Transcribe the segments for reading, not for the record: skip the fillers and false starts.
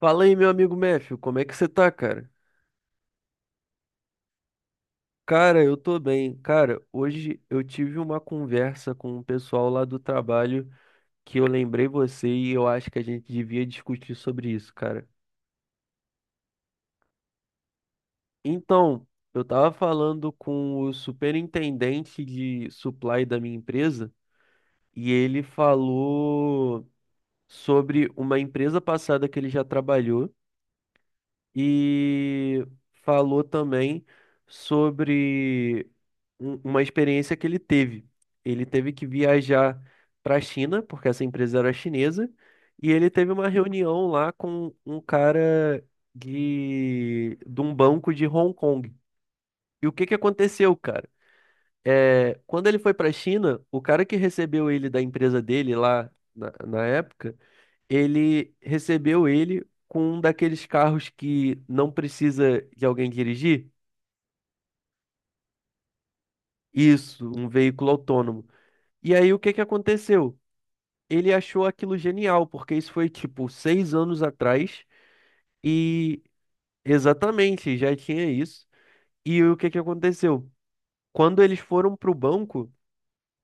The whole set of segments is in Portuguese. Fala aí, meu amigo Méfio, como é que você tá, cara? Cara, eu tô bem. Cara, hoje eu tive uma conversa com o pessoal lá do trabalho que eu lembrei você e eu acho que a gente devia discutir sobre isso, cara. Então, eu tava falando com o superintendente de supply da minha empresa e ele falou sobre uma empresa passada que ele já trabalhou e falou também sobre uma experiência que ele teve. Ele teve que viajar para a China, porque essa empresa era chinesa, e ele teve uma reunião lá com um cara de um banco de Hong Kong. E o que que aconteceu, cara? Quando ele foi para a China, o cara que recebeu ele da empresa dele lá na época ele recebeu ele com um daqueles carros que não precisa de alguém dirigir. Isso, um veículo autônomo. E aí o que que aconteceu? Ele achou aquilo genial, porque isso foi tipo 6 anos atrás e exatamente já tinha isso. E o que que aconteceu? Quando eles foram para o banco,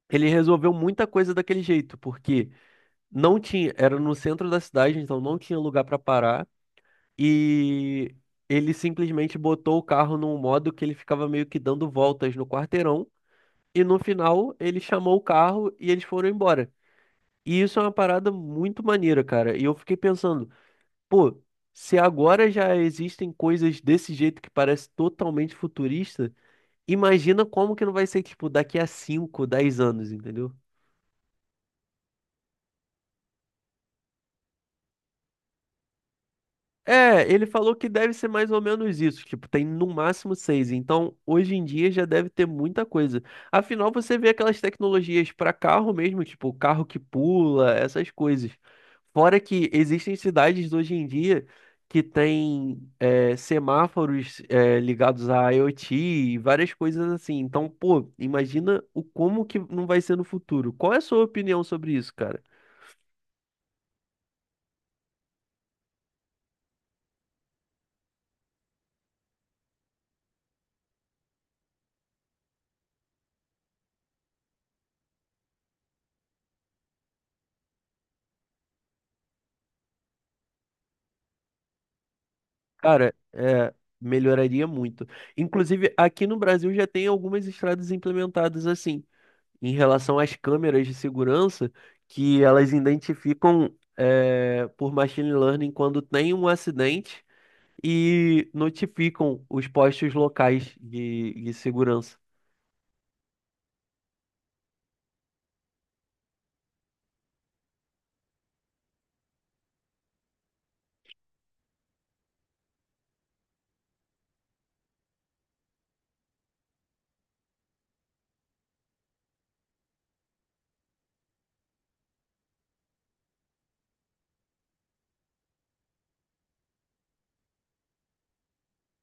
ele resolveu muita coisa daquele jeito, porque não tinha, era no centro da cidade, então não tinha lugar para parar. E ele simplesmente botou o carro num modo que ele ficava meio que dando voltas no quarteirão. E no final ele chamou o carro e eles foram embora. E isso é uma parada muito maneira, cara. E eu fiquei pensando, pô, se agora já existem coisas desse jeito que parece totalmente futurista, imagina como que não vai ser, tipo, daqui a 5 10 anos, entendeu? É, ele falou que deve ser mais ou menos isso, tipo, tem no máximo seis, então hoje em dia já deve ter muita coisa. Afinal, você vê aquelas tecnologias para carro mesmo, tipo, carro que pula, essas coisas. Fora que existem cidades hoje em dia que têm semáforos ligados à IoT e várias coisas assim. Então, pô, imagina o como que não vai ser no futuro. Qual é a sua opinião sobre isso, cara? Cara, é, melhoraria muito. Inclusive, aqui no Brasil já tem algumas estradas implementadas assim, em relação às câmeras de segurança, que elas identificam por machine learning quando tem um acidente e notificam os postos locais de segurança.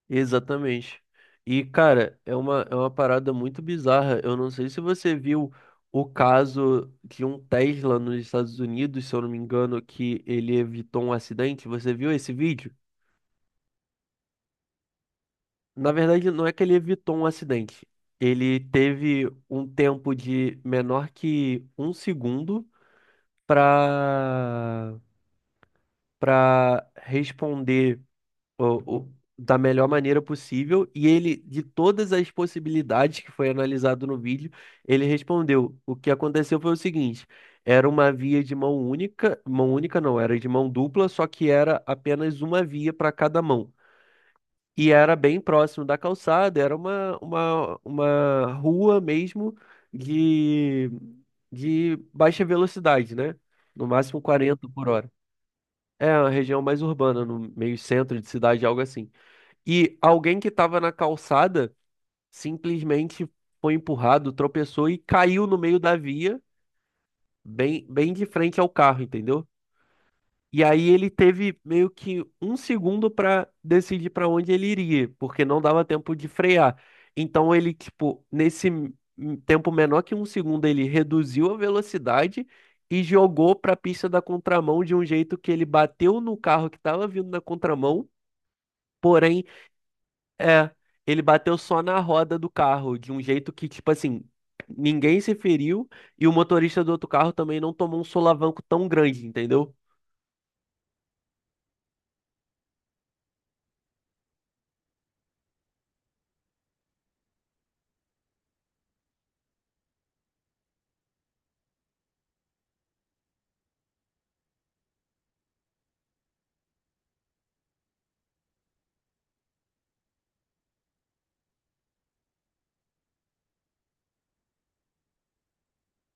Exatamente. E, cara, é uma parada muito bizarra. Eu não sei se você viu o caso de um Tesla nos Estados Unidos, se eu não me engano, que ele evitou um acidente. Você viu esse vídeo? Na verdade, não é que ele evitou um acidente. Ele teve um tempo de menor que um segundo para responder da melhor maneira possível. E ele, de todas as possibilidades que foi analisado no vídeo, ele respondeu: o que aconteceu foi o seguinte: era uma via de mão única não, era de mão dupla, só que era apenas uma via para cada mão. E era bem próximo da calçada, era uma rua mesmo de, baixa velocidade, né? No máximo 40 por hora. É uma região mais urbana, no meio centro de cidade, algo assim. E alguém que estava na calçada simplesmente foi empurrado, tropeçou e caiu no meio da via, bem, bem de frente ao carro, entendeu? E aí ele teve meio que um segundo para decidir para onde ele iria, porque não dava tempo de frear. Então ele, tipo, tempo menor que um segundo, ele reduziu a velocidade e jogou para a pista da contramão de um jeito que ele bateu no carro que estava vindo na contramão. Porém, é, ele bateu só na roda do carro, de um jeito que, tipo assim, ninguém se feriu e o motorista do outro carro também não tomou um solavanco tão grande, entendeu?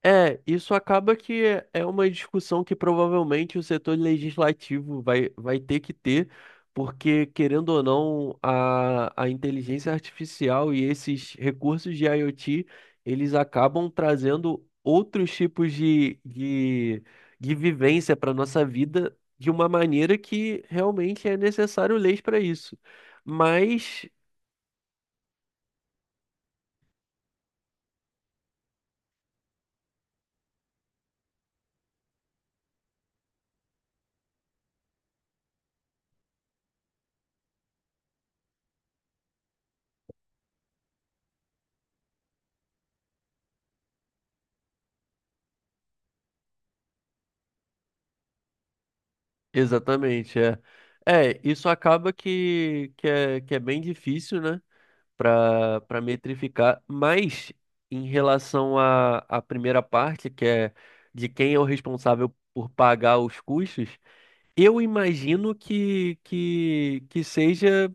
É, isso acaba que é uma discussão que provavelmente o setor legislativo vai ter que ter, porque, querendo ou não, a inteligência artificial e esses recursos de IoT, eles acabam trazendo outros tipos de vivência para a nossa vida de uma maneira que realmente é necessário leis para isso. Mas, exatamente, é. É, isso acaba que, que é bem difícil, né? para metrificar, mas em relação à, à primeira parte, que é de quem é o responsável por pagar os custos, eu imagino que seja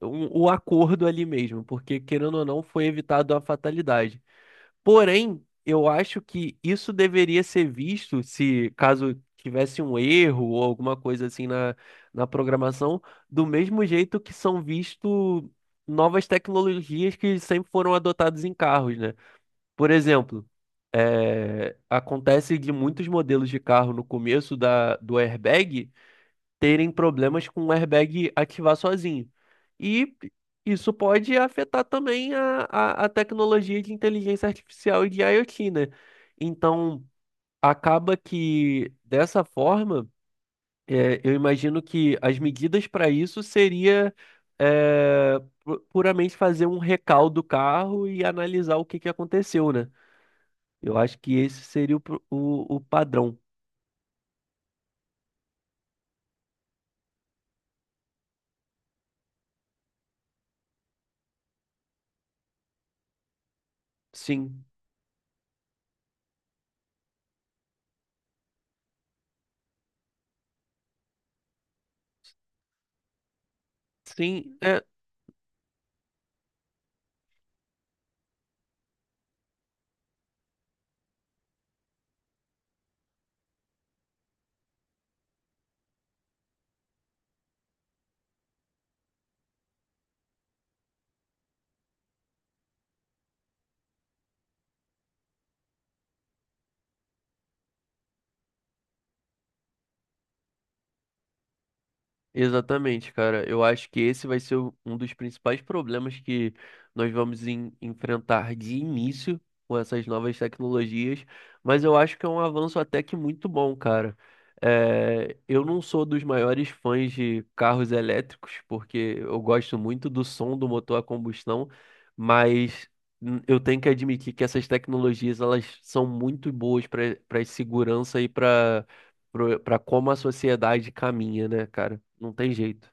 o acordo ali mesmo, porque querendo ou não, foi evitado a fatalidade. Porém, eu acho que isso deveria ser visto, se caso tivesse um erro ou alguma coisa assim na, na programação, do mesmo jeito que são visto novas tecnologias que sempre foram adotadas em carros, né? Por exemplo, acontece de muitos modelos de carro no começo da, do airbag terem problemas com o airbag ativar sozinho. E isso pode afetar também a, a tecnologia de inteligência artificial e de IoT, né? Então, acaba que dessa forma, é, eu imagino que as medidas para isso seria puramente fazer um recall do carro e analisar o que que aconteceu, né? Eu acho que esse seria o padrão. Sim, sim. Exatamente, cara. Eu acho que esse vai ser um dos principais problemas que nós vamos enfrentar de início com essas novas tecnologias, mas eu acho que é um avanço até que muito bom, cara. Eu não sou dos maiores fãs de carros elétricos, porque eu gosto muito do som do motor a combustão, mas eu tenho que admitir que essas tecnologias elas são muito boas para segurança e para pra como a sociedade caminha, né, cara? Não tem jeito.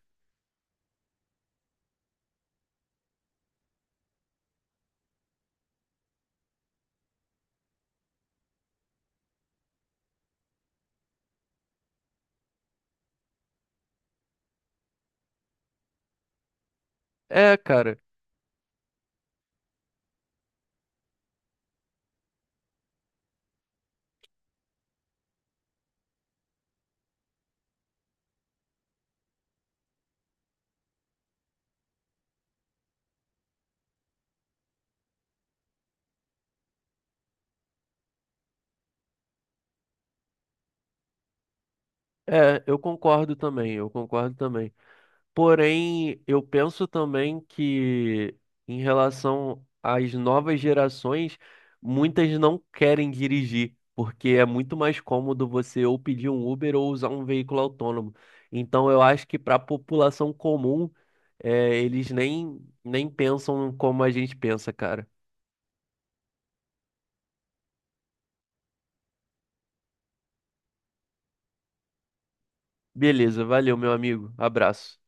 É, cara. É, eu concordo também, eu concordo também. Porém, eu penso também que em relação às novas gerações, muitas não querem dirigir, porque é muito mais cômodo você ou pedir um Uber ou usar um veículo autônomo. Então, eu acho que para a população comum, eles nem pensam como a gente pensa, cara. Beleza, valeu, meu amigo. Abraço.